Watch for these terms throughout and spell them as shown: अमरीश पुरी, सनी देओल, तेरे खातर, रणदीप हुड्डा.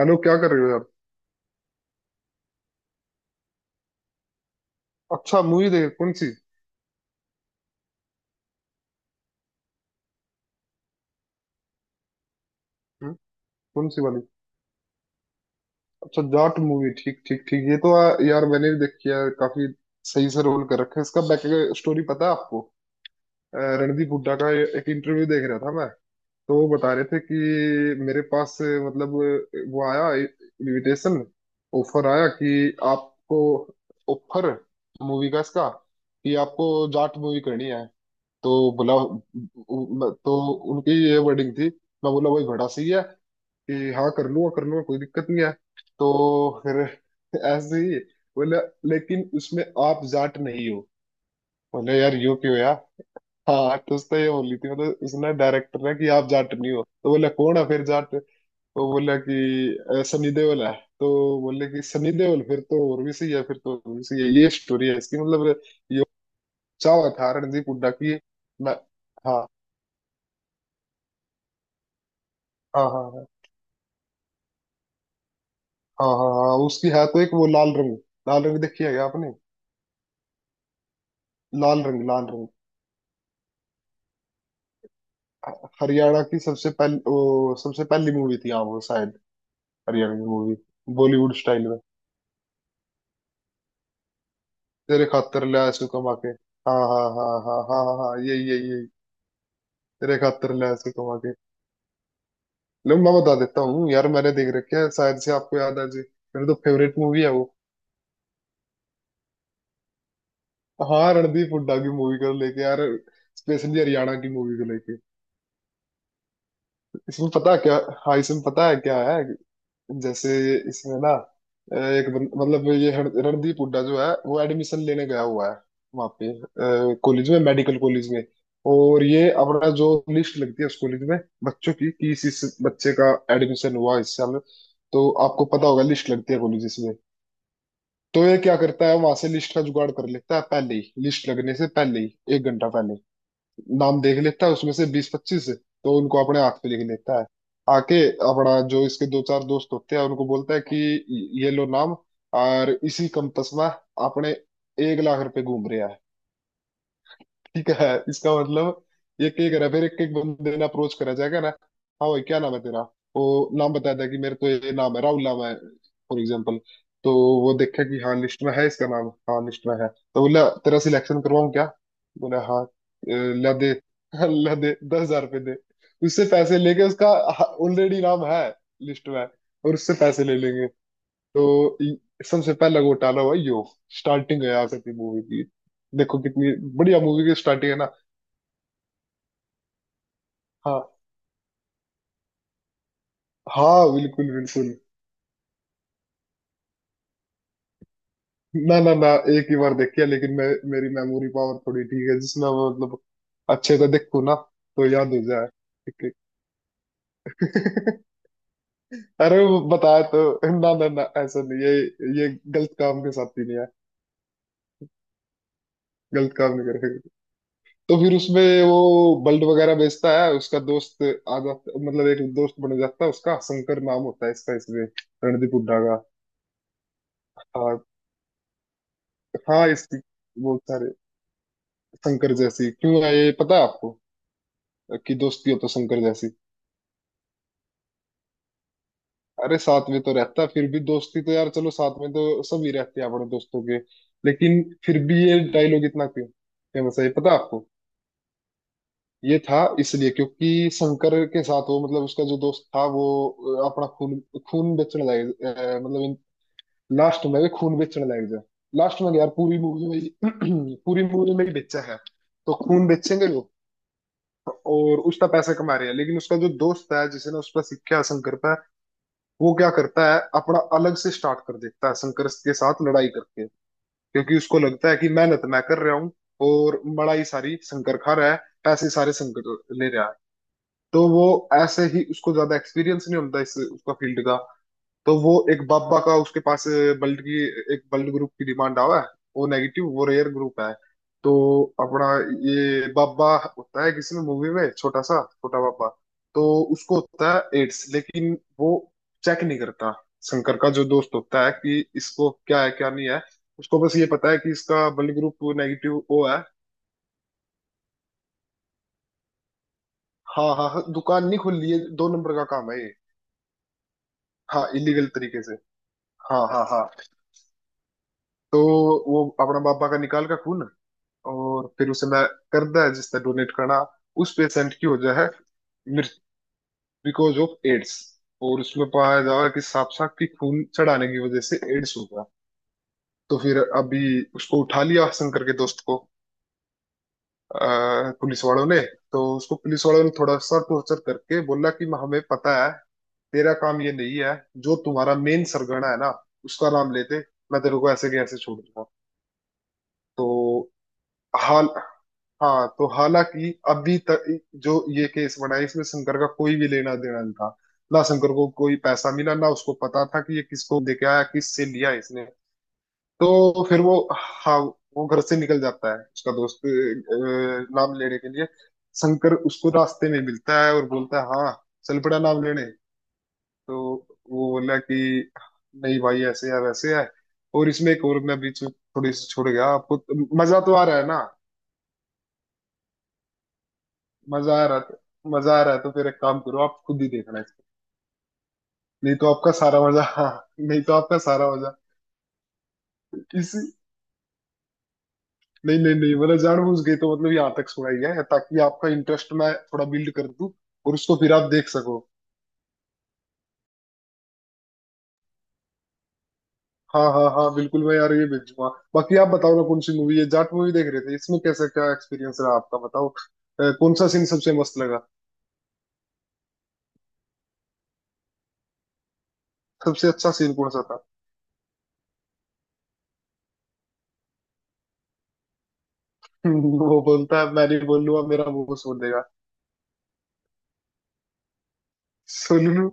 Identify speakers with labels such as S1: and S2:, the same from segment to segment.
S1: Hello, क्या कर रहे हो यार। अच्छा, मूवी देखे कौन सी? हम्म। कौन सी वाली? अच्छा, जाट मूवी। ठीक ठीक ठीक। यार मैंने भी देखी है काफी। सही से रोल कर रखा है इसका। बैक स्टोरी पता है आपको? रणदीप हुड्डा का एक इंटरव्यू देख रहा था मैं। तो वो बता रहे थे कि मेरे पास मतलब वो आया इनविटेशन, ऑफर आया कि आपको ऑफर, मूवी का इसका, कि आपको जाट मूवी करनी है। तो उनकी ये वर्डिंग थी। मैं बोला वही घोड़ा सी है कि हाँ कर लूंगा कर लूंगा, कोई दिक्कत नहीं है। तो फिर ऐसे ही बोला, लेकिन उसमें आप जाट नहीं हो। बोले यार यूं क्यों यार। हाँ, तो उसने ये बोली थी, मतलब उसने डायरेक्टर ने, कि आप जाट नहीं हो। तो बोला कौन है फिर जाट? तो बोला कि सनी देओल है।" तो बोले कि सनी देओल फिर तो और भी सही है, फिर तो और भी सही है। ये स्टोरी है इसकी, मतलब ये चावा था रणदीप हुड्डा की। मैं, हाँ हाँ हाँ हाँ हाँ हाँ हाँ, उसकी है तो एक वो लाल रंग। लाल रंग देखी है क्या आपने? लाल रंग, लाल रंग। हरियाणा की सबसे पहली, वो सबसे पहली मूवी थी हाँ वो शायद। हरियाणा की मूवी बॉलीवुड स्टाइल में। तेरे खातर ले आया सू कमा के। हाँ हाँ हाँ हाँ हाँ हाँ हाँ, यही यही यही। तेरे खातर ले आया सू कमा के। लो मैं बता देता हूँ यार, मैंने देख रखी है, शायद से आपको याद आ जाए। मेरी तो फेवरेट मूवी है वो। हाँ, रणदीप हुड्डा की मूवी को लेके यार, स्पेशली हरियाणा की मूवी को लेके। इसमें पता क्या। हाँ, इसमें पता है क्या है। जैसे इसमें ना, मतलब ये रणदीप हुड्डा जो है वो एडमिशन लेने गया हुआ है वहाँ पे कॉलेज में, मेडिकल कॉलेज में। और ये अपना जो लिस्ट लगती है उस कॉलेज में बच्चों की कि इस बच्चे का एडमिशन हुआ इस साल। तो आपको पता होगा, लिस्ट लगती है कॉलेज में। तो ये क्या करता है, वहां से लिस्ट का जुगाड़ कर लेता है पहले ही, लिस्ट लगने से पहले ही, एक घंटा पहले। नाम देख लेता है उसमें से बीस पच्चीस, तो उनको अपने हाथ पे लिख लेता है। आके अपना जो इसके दो चार दोस्त होते हैं उनको बोलता है कि ये लो नाम, और इसी कंपस में अपने एक लाख रुपए घूम रहे हैं। ठीक है, इसका मतलब एक एक ना, फिर एक एक बंदे ने अप्रोच करा जाएगा ना। हाँ भाई, क्या नाम है तेरा? वो नाम बताया था कि मेरे तो ये नाम है, राहुल नाम है, फॉर एग्जाम्पल। तो वो देखा कि हाँ, लिस्ट में है इसका नाम, हाँ लिस्ट में है। तो बोला तेरा सिलेक्शन करवाऊं क्या? बोला हाँ। ला दे ला दे, दस हजार रुपये दे।" तो उससे पैसे लेके, उसका ऑलरेडी नाम है लिस्ट में, और उससे पैसे ले लेंगे। तो इ- सबसे पहला घोटाला हुआ यो। स्टार्टिंग है यहाँ से अपनी मूवी की। देखो कितनी बढ़िया मूवी की स्टार्टिंग है ना। हाँ हाँ, बिल्कुल बिल्कुल। ना ना ना, एक ही बार देखी है लेकिन मैं, मेरी मेमोरी पावर थोड़ी ठीक है, जिसमें मैं मतलब अच्छे से देखूँ ना तो याद हो जाए। ठीक है। अरे वो बताया तो, ना ना ना, ऐसा नहीं, ये ये गलत काम के साथ ही नहीं है, गलत काम नहीं। तो फिर उसमें वो बल्ब वगैरह बेचता है, उसका दोस्त आ जाता, मतलब एक दोस्त बन जाता है उसका, शंकर नाम होता है इसका इसमें, रणदीप हुड्डा का। हाँ हाँ, इस बहुत सारे। शंकर जैसी क्यों है ये पता है आपको? कि दोस्ती हो तो शंकर जैसी। अरे साथ में तो रहता है, फिर भी दोस्ती तो यार, चलो साथ में तो सभी रहते हैं अपने दोस्तों के, लेकिन फिर भी ये डायलॉग इतना क्यों फेमस है ये पता है आपको? ये था इसलिए क्योंकि शंकर के साथ वो, मतलब उसका जो दोस्त था वो, अपना खून, खून बेचने मतलब लास्ट में भी खून बेचने लग जाए। लास्ट में क्या यार, पूरी मूवी में ही- पूरी मूवी में ही बेचा है। तो खून बेचेंगे लोग और उसका पैसा कमा रहे हैं, लेकिन उसका जो दोस्त है जिसने उस पर सीखा, शंकर पर, वो क्या करता है अपना अलग से स्टार्ट कर देता है, शंकर के साथ लड़ाई करके। क्योंकि उसको लगता है कि मेहनत मैं कर रहा हूँ, और बड़ाई सारी शंकर खा रहा है, पैसे सारे शंकर ले रहा है। तो वो ऐसे ही, उसको ज्यादा एक्सपीरियंस नहीं होता इस उसका फील्ड का। तो वो एक बाबा का, उसके पास ब्लड की एक ब्लड ग्रुप की डिमांड आवा है, वो नेगेटिव, वो रेयर ग्रुप है। तो अपना, ये बाबा होता है किसी में मूवी में, छोटा सा छोटा बाबा। तो उसको होता है एड्स, लेकिन वो चेक नहीं करता, शंकर का जो दोस्त होता है, कि इसको क्या है क्या नहीं है। उसको बस ये पता है कि इसका ब्लड ग्रुप नेगेटिव ओ है। हाँ हाँ हाँ, दुकान नहीं खुल रही है, दो नंबर का काम है ये। हाँ, इलीगल तरीके से। हाँ हाँ हाँ। तो वो अपना बाबा का निकाल का खून, और फिर उसे मैं कर दिया जिसने डोनेट करना। उस पेशेंट की वजह है मृत्यु, बिकॉज ऑफ एड्स। और उसमें पाया जा रहा है कि सांप सांप की खून चढ़ाने की वजह से एड्स हो गया। तो फिर अभी उसको उठा लिया, शंकर के दोस्त को, पुलिस वालों ने। तो उसको पुलिस वालों ने थोड़ा सा टॉर्चर करके बोला कि हमें पता है तेरा काम ये नहीं है, जो तुम्हारा मेन सरगना है ना, उसका नाम लेते मैं तेरे को ऐसे के ऐसे छोड़ दूंगा। तो हाल हाँ, तो हालांकि अभी तक जो ये केस बना है, इसमें शंकर का कोई भी लेना देना नहीं था। ना शंकर को कोई पैसा मिला, ना उसको पता था कि ये किसको दे के आया, किससे लिया इसने। तो फिर वो, हाँ, वो घर से निकल जाता है उसका दोस्त, नाम लेने के लिए। शंकर उसको रास्ते में मिलता है और बोलता है, हाँ, चल पड़ा नाम लेने। तो वो बोला कि नहीं भाई, ऐसे है वैसे है। और इसमें एक और मैं बीच में थोड़ी सी छोड़ गया आपको। मजा तो आ रहा है ना? मजा आ रहा था, मजा आ रहा है, तो फिर एक काम करो आप खुद ही देखना इसको, नहीं तो आपका सारा मजा। हाँ, नहीं तो आपका सारा मजा। इसी नहीं नहीं नहीं, मतलब जानबूझ गई तो, मतलब यहाँ तक सुनाई है ताकि आपका इंटरेस्ट मैं थोड़ा बिल्ड कर दूं और उसको फिर आप देख सको। हाँ हाँ हाँ, बिल्कुल मैं यार ये भेजूंगा। बाकी आप बताओ ना, कौन सी मूवी है, जाट मूवी देख रहे थे इसमें कैसा क्या एक्सपीरियंस रहा आपका, बताओ कौन सा सीन सबसे मस्त लगा, सबसे अच्छा सीन कौन सा था? वो बोलता है मैं नहीं बोलूंगा मेरा मुंह को सोल देगा। सुन लू।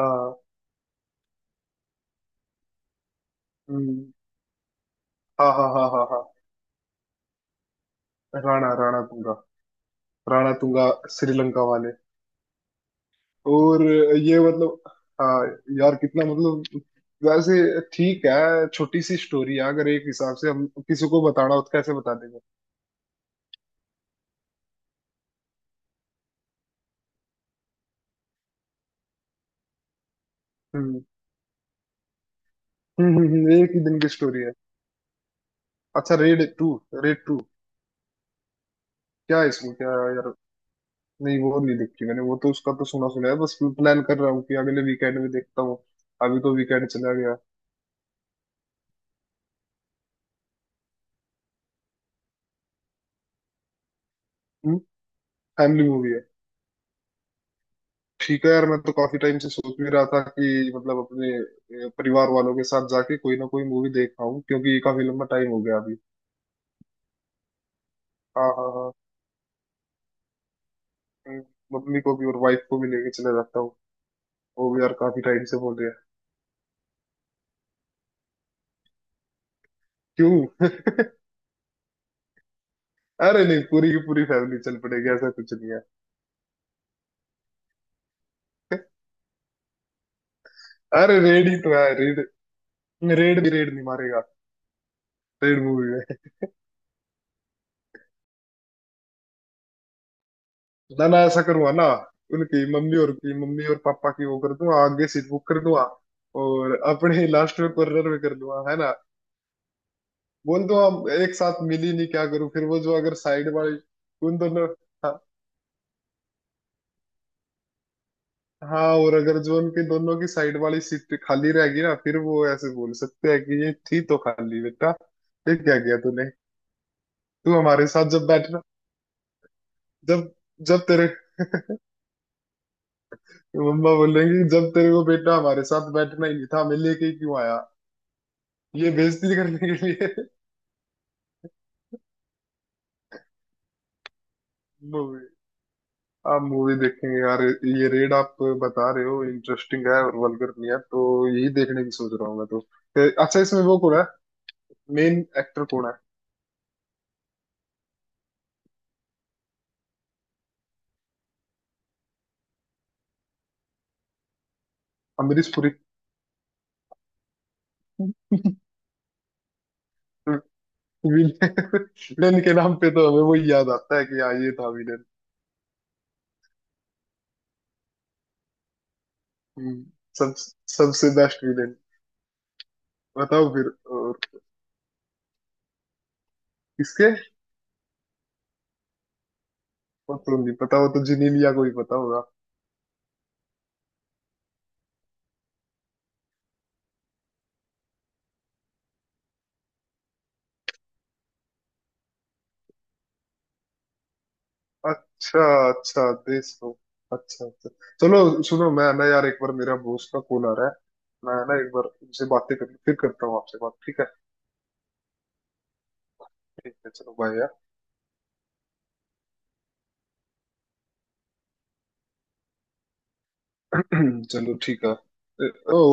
S1: हाँ। हम्म, हाँ हाँ हाँ हाँ हाँ। राणा, राणा तुंगा, राणा तुंगा। श्रीलंका वाले। और ये मतलब, हाँ यार, कितना मतलब, वैसे ठीक है, छोटी सी स्टोरी है, अगर एक हिसाब से हम किसी को बताना हो तो कैसे बता देंगे। हम्म हम्म। एक ही दिन की स्टोरी है। अच्छा, रेड टू, रेड टू, क्या है इसमें क्या है यार? नहीं वो नहीं देखी मैंने, वो तो उसका तो सुना सुना है बस, प्लान कर रहा हूँ कि अगले वीकेंड में देखता हूँ। अभी तो वीकेंड चला गया। हम्म। फैमिली मूवी है। ठीक है यार, मैं तो काफी टाइम से सोच भी रहा था कि मतलब अपने परिवार वालों के साथ जाके कोई ना कोई मूवी देख पाऊँ, क्योंकि काफी लंबा टाइम हो गया अभी। हाँ हाँ हाँ। हम्म, मम्मी को भी और वाइफ को भी लेके चले जाता हूँ। वो भी यार काफी टाइम से बोल रहे हैं। क्यों? अरे नहीं, पूरी की पूरी फैमिली चल पड़ेगी, ऐसा कुछ नहीं है। अरे रेड ही तो है, रेड। रेड भी रेड नहीं मारेगा, रेड मूवी में। ना ना, ऐसा करूंगा ना, उनकी मम्मी और की मम्मी और पापा की वो कर दूंगा, आगे सीट बुक कर दूंगा। और अपने लास्ट में कॉर्नर में कर दूंगा, है ना? बोल दो हम एक साथ मिल ही नहीं, क्या करूं, फिर वो जो अगर साइड वाली, उन दोनों। हाँ हाँ, और अगर जो उनके दोनों की साइड वाली सीट खाली रहेगी ना, फिर वो ऐसे बोल सकते हैं कि ये थी तो खाली, बेटा ये क्या किया तूने, तू हमारे साथ जब बैठना जब जब तेरे मम्मा बोलेंगी, जब तेरे को बेटा हमारे साथ बैठना ही नहीं था, हमें लेके ही क्यों आया, ये बेइज्जती करने के लिए। मूवी, आप मूवी देखेंगे यार, ये रेड आप बता रहे हो इंटरेस्टिंग है और वल्गर नहीं है तो यही देखने की सोच रहा हूँ मैं तो। अच्छा, इसमें वो कौन है, मेन एक्टर कौन है? अमरीश पुरी। विलेन के नाम पे तो हमें वो याद आता है कि हाँ, ये था विलेन। सब सबसे बेस्ट विलेन। बताओ फिर। और किसके और तो नहीं पता, वो तो जिनीलिया को ही पता होगा। अच्छा अच्छा, देश को। अच्छा अच्छा। चलो सुनो, मैं ना यार एक बार मेरा बॉस का कॉल आ रहा है, मैं ना एक बार उनसे बातें कर फिर करता हूँ आपसे बात, ठीक है? ठीक है, चलो बाय यार। चलो ठीक है। ओ।